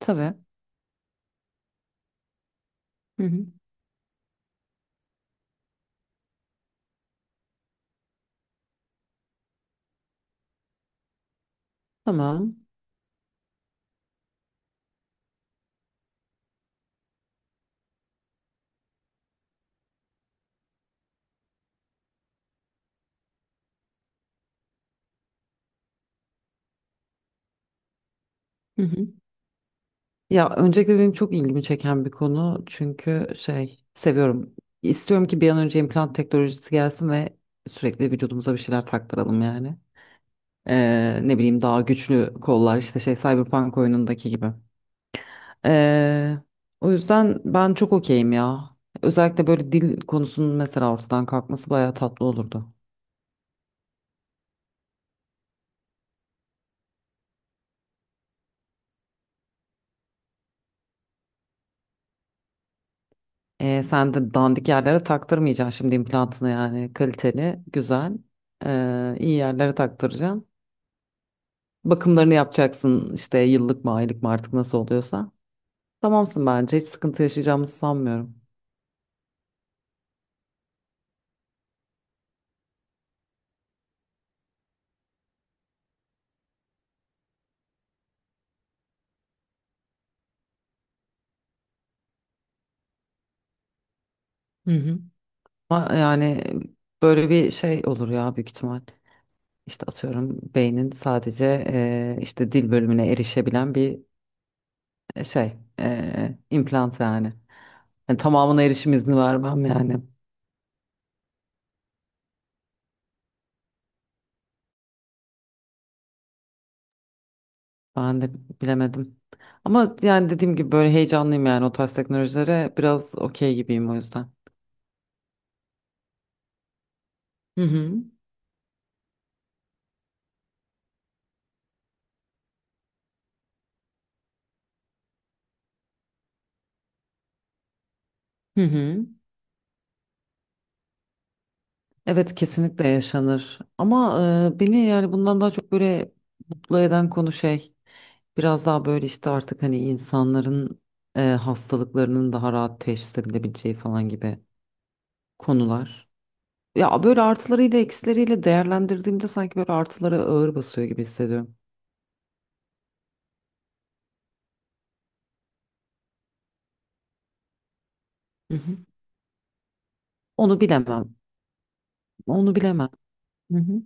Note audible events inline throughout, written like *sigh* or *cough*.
Tabii. Hı hı. Tamam. Hı hı. Ya öncelikle benim çok ilgimi çeken bir konu çünkü şey seviyorum. İstiyorum ki bir an önce implant teknolojisi gelsin ve sürekli vücudumuza bir şeyler taktıralım yani. Ne bileyim daha güçlü kollar işte şey Cyberpunk oyunundaki gibi. Ee, O yüzden ben çok okeyim ya. Özellikle böyle dil konusunun mesela ortadan kalkması bayağı tatlı olurdu. Sen de dandik yerlere taktırmayacaksın şimdi implantını yani kaliteli, güzel, iyi yerlere taktıracaksın. Bakımlarını yapacaksın işte yıllık mı aylık mı artık nasıl oluyorsa. Tamamsın bence hiç sıkıntı yaşayacağımızı sanmıyorum. Hı hı. Ama yani böyle bir şey olur ya büyük ihtimal. İşte atıyorum beynin sadece işte dil bölümüne erişebilen bir şey implant yani. Yani tamamına erişim izni vermem yani. Ben de bilemedim. Ama yani dediğim gibi böyle heyecanlıyım yani o tarz teknolojilere biraz okey gibiyim o yüzden. Hı hı. Hı hı. Evet, kesinlikle yaşanır. Ama beni yani bundan daha çok böyle mutlu eden konu şey biraz daha böyle işte artık hani insanların hastalıklarının daha rahat teşhis edilebileceği falan gibi konular. Ya böyle artılarıyla eksileriyle değerlendirdiğimde sanki böyle artıları ağır basıyor gibi hissediyorum. Hı hı. Onu bilemem. Onu bilemem. Hı hı.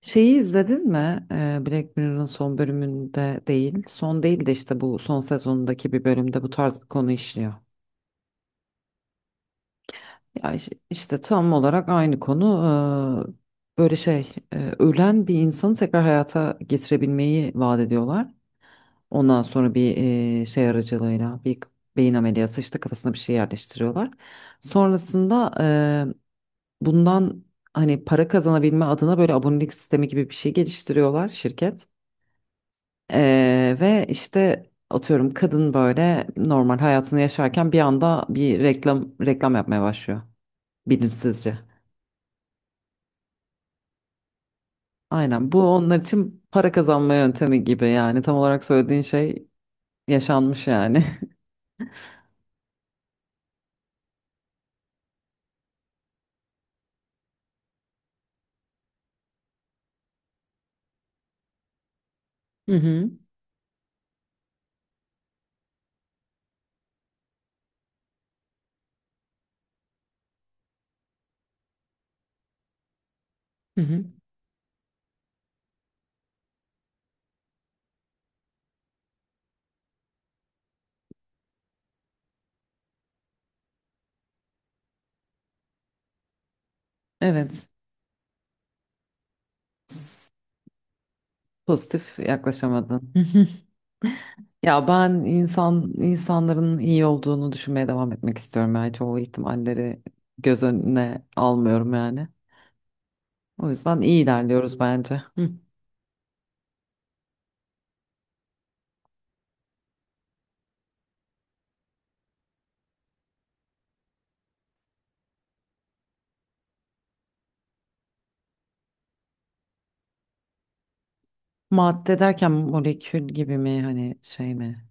Şeyi izledin mi? Black Mirror'ın son bölümünde değil. Son değil de işte bu son sezonundaki bir bölümde bu tarz bir konu işliyor. Ya işte tam olarak aynı konu. Böyle şey ölen bir insanı tekrar hayata getirebilmeyi vaat ediyorlar. Ondan sonra bir şey aracılığıyla beyin ameliyatı işte kafasına bir şey yerleştiriyorlar. Sonrasında e, bundan hani para kazanabilme adına böyle abonelik sistemi gibi bir şey geliştiriyorlar şirket. Ve işte atıyorum kadın böyle normal hayatını yaşarken bir anda bir reklam yapmaya başlıyor bilinçsizce. Aynen bu onlar için para kazanma yöntemi gibi yani tam olarak söylediğin şey yaşanmış yani. *laughs* Hı hı. Hı hı. Evet, s- pozitif yaklaşamadın. Hı hı. Ya ben insanların iyi olduğunu düşünmeye devam etmek istiyorum yani çoğu ihtimalleri göz önüne almıyorum yani. O yüzden iyi ilerliyoruz bence. Madde derken molekül gibi mi hani şey mi?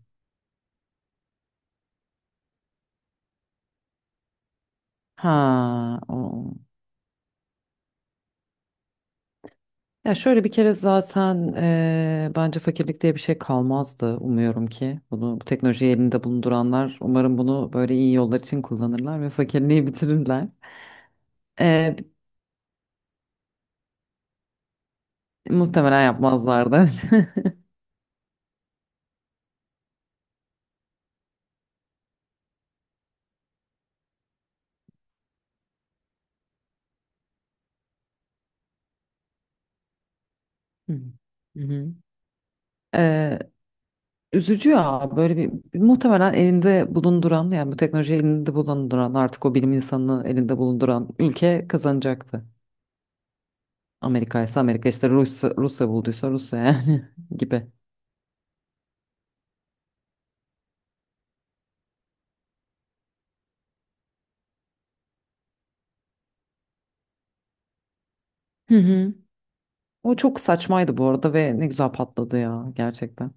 Ha, o. Ya şöyle bir kere zaten bence fakirlik diye bir şey kalmazdı umuyorum ki. Bu teknolojiyi elinde bulunduranlar umarım bunu böyle iyi yollar için kullanırlar ve fakirliği *laughs* bitirirler. Eee, Muhtemelen yapmazlardı. *laughs* Hı hı. Eee, Üzücü ya böyle bir muhtemelen elinde bulunduran yani bu teknolojiyi elinde bulunduran artık o bilim insanını elinde bulunduran ülke kazanacaktı. Amerika ise Amerika, işte Rusya, Rusya bulduysa Rusya yani *laughs* gibi. Hı hı. O çok saçmaydı bu arada ve ne güzel patladı ya gerçekten.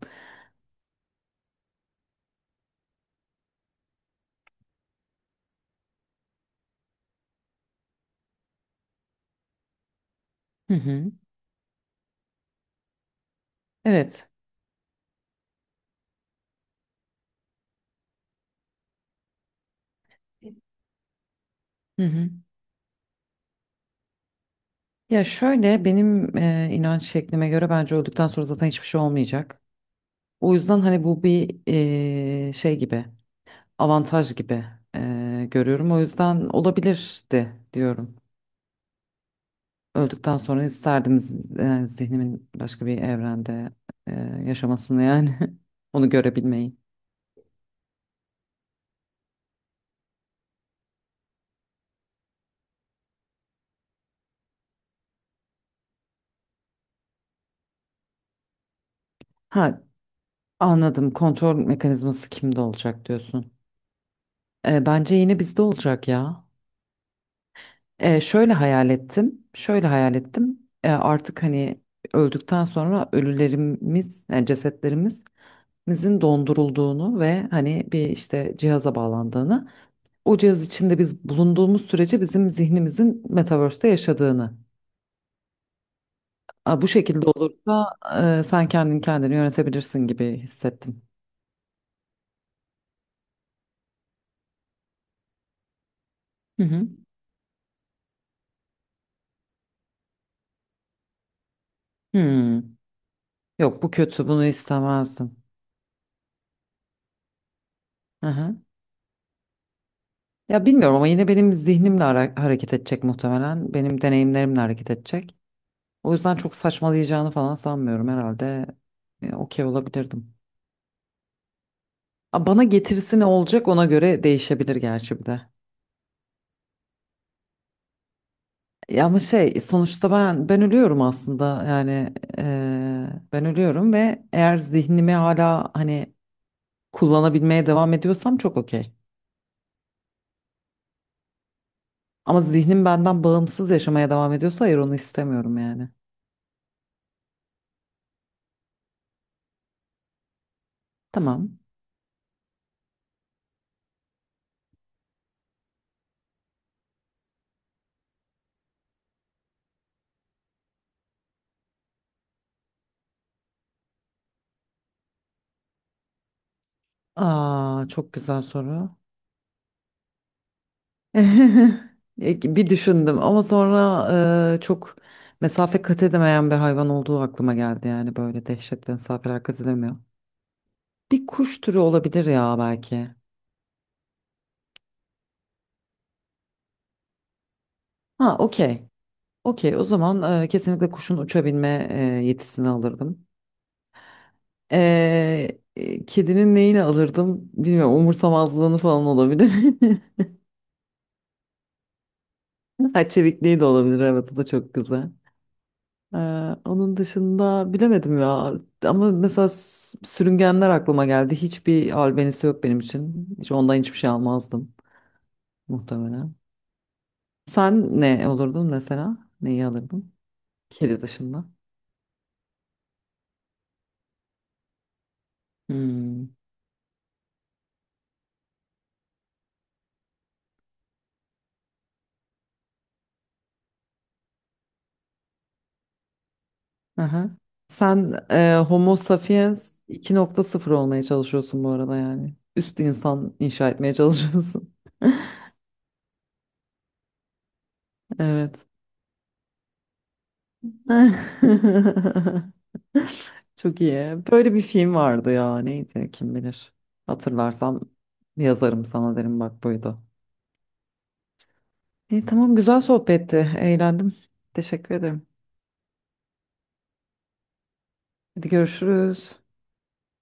Hı hı. Evet. Hı hı. Ya şöyle benim inanç şeklime göre bence öldükten sonra zaten hiçbir şey olmayacak. O yüzden hani bu bir şey gibi avantaj gibi görüyorum. O yüzden olabilirdi diyorum. Öldükten sonra isterdim zihnimin başka bir evrende e, yaşamasını yani *laughs* onu görebilmeyi. Ha, anladım. Kontrol mekanizması kimde olacak diyorsun. Bence yine bizde olacak ya. Şöyle hayal ettim. Şöyle hayal ettim. Artık hani öldükten sonra ölülerimiz, yani cesetlerimizin dondurulduğunu ve hani bir işte cihaza bağlandığını. O cihaz içinde biz bulunduğumuz sürece bizim zihnimizin metaverse'te yaşadığını. Aa, bu şekilde olursa sen kendin kendini yönetebilirsin gibi hissettim. Hı hı. Hmm. Yok, bu kötü, bunu istemezdim. Hı hı. Ya bilmiyorum ama yine benim zihnimle hareket edecek muhtemelen. Benim deneyimlerimle hareket edecek. O yüzden çok saçmalayacağını falan sanmıyorum herhalde. Okey olabilirdim. Aa, bana getirisi ne olacak ona göre değişebilir gerçi bir de. Ya ama şey sonuçta ben ölüyorum aslında yani ben ölüyorum ve eğer zihnimi hala hani kullanabilmeye devam ediyorsam çok okey. Ama zihnim benden bağımsız yaşamaya devam ediyorsa hayır onu istemiyorum yani. Tamam. Aa, çok güzel soru. *laughs* Bir düşündüm ama sonra çok mesafe kat edemeyen bir hayvan olduğu aklıma geldi yani böyle dehşetli mesafeler kat edemiyor. Bir kuş türü olabilir ya belki. Ha, okey. Okey, o zaman kesinlikle kuşun uçabilme yetisini alırdım. E, Kedinin neyini alırdım bilmiyorum. Umursamazlığını falan olabilir. *laughs* Ha, çevikliği de olabilir. Evet, o da çok güzel. E, Onun dışında bilemedim ya. Ama mesela sürüngenler aklıma geldi. Hiçbir albenisi yok benim için. Hiç ondan hiçbir şey almazdım muhtemelen. Sen ne olurdun mesela? Neyi alırdın? Kedi dışında. Hmm. Aha. Sen Homo sapiens 2.0 olmaya çalışıyorsun bu arada yani. Üst insan inşa etmeye çalışıyorsun. *laughs* Evet. *laughs* Çok iyi. Böyle bir film vardı ya. Neydi kim bilir. Hatırlarsam yazarım sana derim bak buydu. İyi, tamam, güzel sohbetti. Eğlendim. Teşekkür ederim. Hadi görüşürüz.